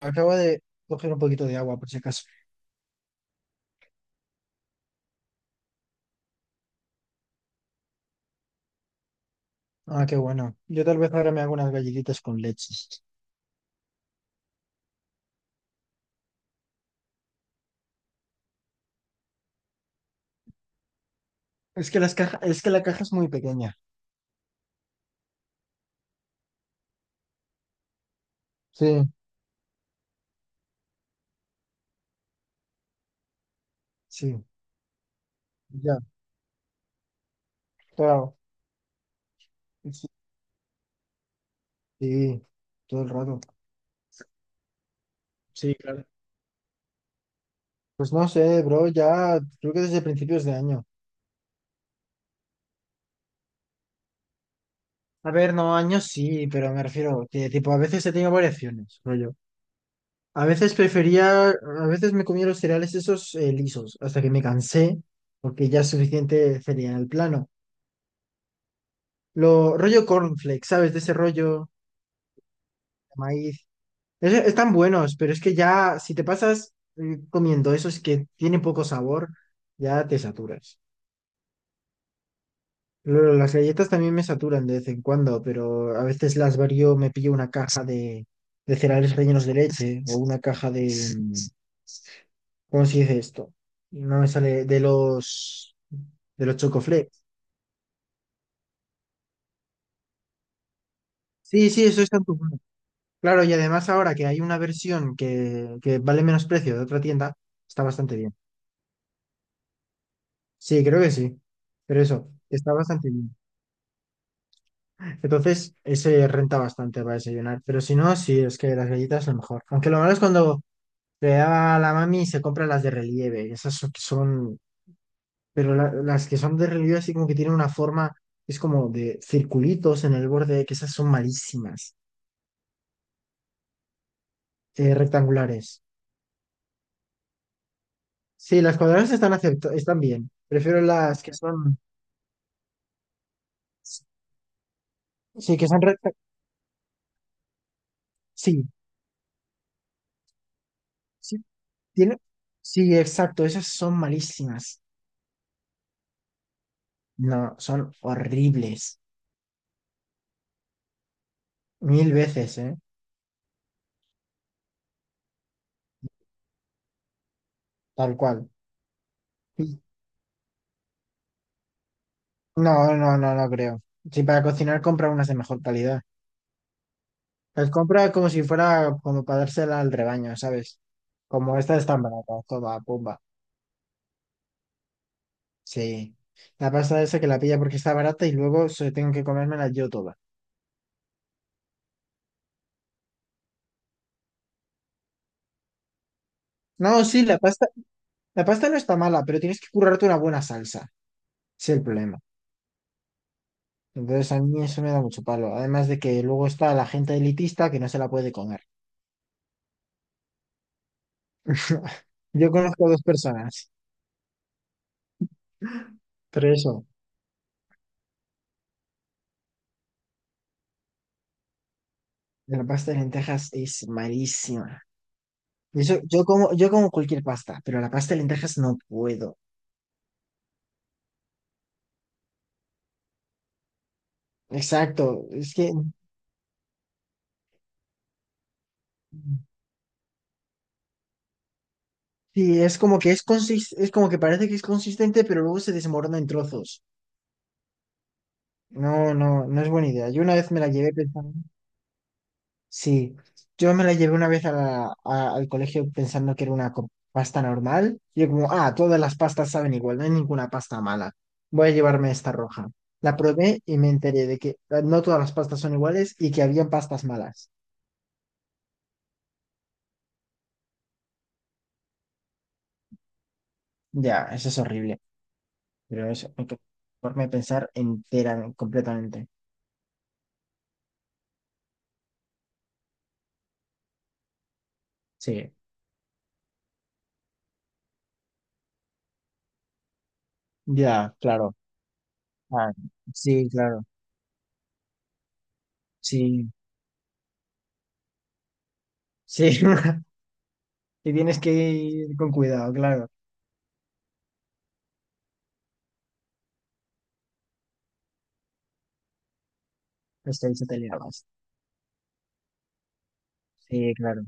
Acabo de coger un poquito de agua, por si acaso. Ah, qué bueno. Yo tal vez ahora me hago unas galletitas con leche. Es que la caja es muy pequeña. Sí, sí, ya, claro. Sí, sí, todo el rato. Sí, claro. Pues no sé, bro, ya creo que desde principios de año. A ver, no, años sí, pero me refiero que tipo a veces he tenido variaciones, rollo. A veces me comía los cereales esos lisos, hasta que me cansé, porque ya es suficiente cereal plano. Lo rollo cornflakes, ¿sabes? De ese rollo de maíz. Están buenos, pero es que ya si te pasas comiendo esos que tienen poco sabor, ya te saturas. Las galletas también me saturan de vez en cuando, pero a veces las varío, me pillo una caja de cereales rellenos de leche o una caja de mm, ¿cómo se dice esto? No me sale de los chocoflakes. Sí, sí, eso es tanto. Claro, y además ahora que hay una versión que vale menos precio de otra tienda, está bastante bien. Sí, creo que sí. Pero eso, está bastante bien. Entonces, ese renta bastante para desayunar. Pero si no, sí, es que las galletas lo mejor. Aunque lo malo es cuando le da a la mami y se compra las de relieve. Esas son, que son- pero la- las que son de relieve así como que tienen una forma, es como de circulitos en el borde, que esas son malísimas. Rectangulares. Sí, las cuadradas están bien. Prefiero las que son. Sí, que son recta. Sí, sí, tiene. Sí, exacto, esas son malísimas. No, son horribles. Mil veces, ¿eh? Tal cual. Sí. No, no, no, no creo. Sí, para cocinar compra unas de mejor calidad. Las compra como si fuera como para dársela al rebaño, ¿sabes? Como esta es tan barata, toda pumba. Sí. La pasta esa que la pilla porque está barata y luego se tengo que comérmela yo toda. No, sí, la pasta no está mala, pero tienes que currarte una buena salsa. Ese es el problema. Entonces a mí eso me da mucho palo. Además de que luego está la gente elitista que no se la puede comer. Yo conozco dos personas, pero eso, la pasta de lentejas es malísima. Y eso, yo como cualquier pasta, pero la pasta de lentejas no puedo. Exacto, es que sí, es como que parece que es consistente, pero luego se desmorona en trozos. No, no, no es buena idea. Yo una vez me la llevé pensando. Sí, yo me la llevé una vez al colegio pensando que era una pasta normal. Y yo como, ah, todas las pastas saben igual, no hay ninguna pasta mala. Voy a llevarme esta roja. La probé y me enteré de que no todas las pastas son iguales y que habían pastas malas. Ya, eso es horrible. Pero eso hay que forma de pensar entera, completamente. Sí, ya, claro. Ah, sí, claro. Sí, sí. Y tienes que ir con cuidado, claro. Es que ahí se te liabas. Sí, claro.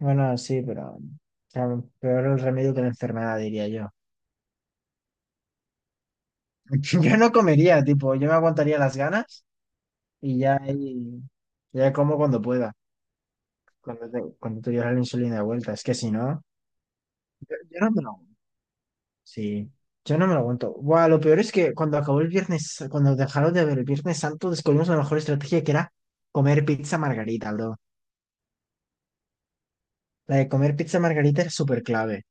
Bueno, sí, pero o sea, peor el remedio que la enfermedad, diría yo. Yo no comería, tipo, yo me aguantaría las ganas y ya como cuando pueda, cuando te llevas la insulina de vuelta. Es que si no, yo no me lo aguanto. Sí, yo no me lo aguanto. Buah, lo peor es que cuando acabó el viernes, cuando dejaron de ver el Viernes Santo, descubrimos la mejor estrategia que era comer pizza margarita, bro. La de comer pizza margarita era súper clave,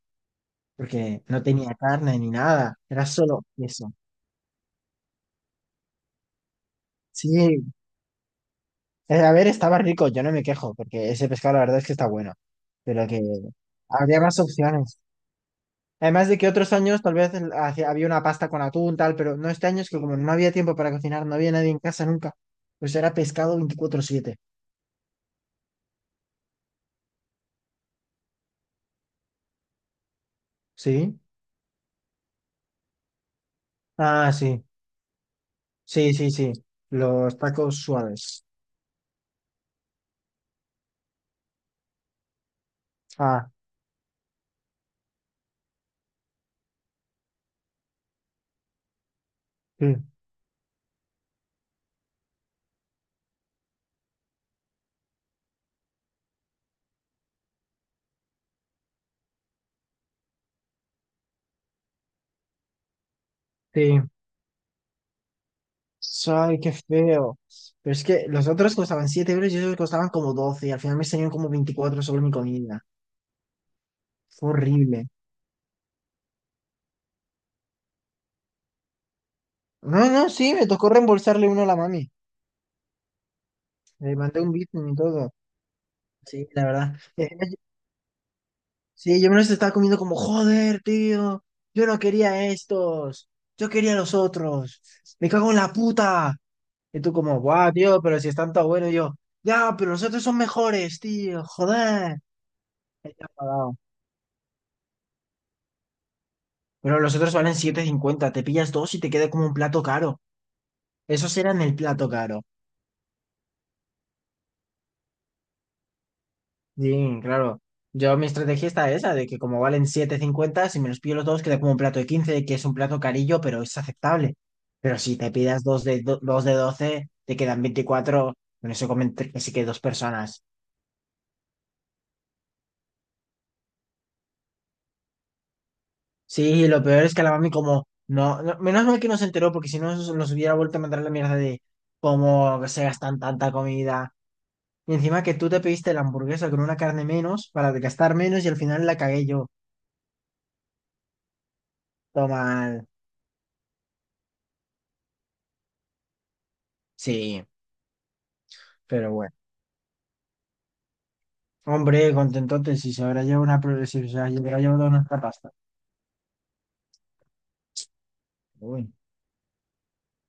porque no tenía carne ni nada, era solo eso. Sí, A ver, estaba rico, yo no me quejo, porque ese pescado la verdad es que está bueno, pero que habría más opciones. Además de que otros años tal vez había una pasta con atún, tal, pero no este año es que como no había tiempo para cocinar, no había nadie en casa nunca, pues era pescado 24/7. ¿Sí? Ah, sí, sí, sí, sí, los tacos suaves. Ah, sí, sí. Ay, qué feo. Pero es que los otros costaban 7 euros y esos costaban como 12 y al final me salieron como 24 solo mi comida. Fue horrible. No, no, sí, me tocó reembolsarle uno a la mami. Le mandé un Bitcoin y todo. Sí, la verdad. Sí, yo me los estaba comiendo como, joder, tío. Yo no quería estos. Yo quería los otros. Me cago en la puta. Y tú como, guau, tío, pero si están tan buenos. Y yo, ya, pero los otros son mejores, tío. Joder. Ahí te ha pagado. Pero los otros valen 7,50. Te pillas dos y te queda como un plato caro. Esos eran el plato caro. Sí, claro. Yo mi estrategia está esa, de que como valen 7,50 si me los pillo los dos, queda como un plato de 15 que es un plato carillo, pero es aceptable. Pero si te pidas dos de 12 te quedan 24, con eso comen así que dos personas. Sí, lo peor es que la mami como, menos mal que no se enteró, porque si no nos hubiera vuelto a mandar la mierda de cómo se gastan tanta comida. Y encima que tú te pediste la hamburguesa con una carne menos para gastar menos y al final la cagué yo. Toma. Sí, pero bueno. Hombre, contentote, si se habrá llevado una, pro- si se habrá llevado nuestra pasta. Uy,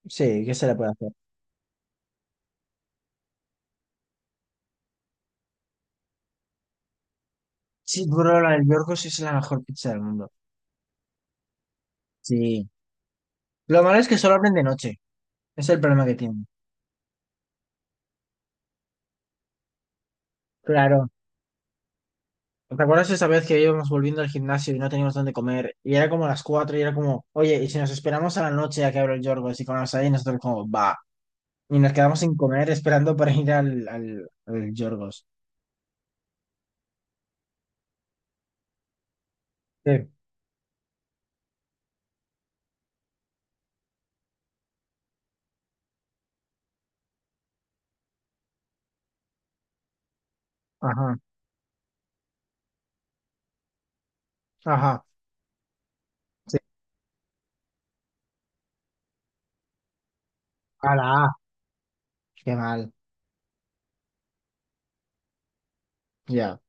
sí, ¿qué se le puede hacer? Sí, bro, la del Yorgos sí es la mejor pizza del mundo. Sí, lo malo es que solo abren de noche. Es el problema que tienen. Claro. ¿Te acuerdas esa vez que íbamos volviendo al gimnasio y no teníamos dónde comer? Y era como las 4 y era como, oye, y si nos esperamos a la noche a que abra el Yorgos y comemos ahí, y nosotros como, va. Y nos quedamos sin comer esperando para ir al Yorgos. Sí. Ajá, ajá. Sí. A la A. Qué mal. Ya.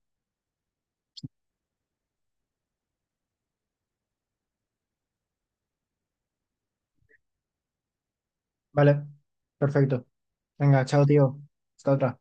Vale, perfecto. Venga, chao, tío. Hasta otra.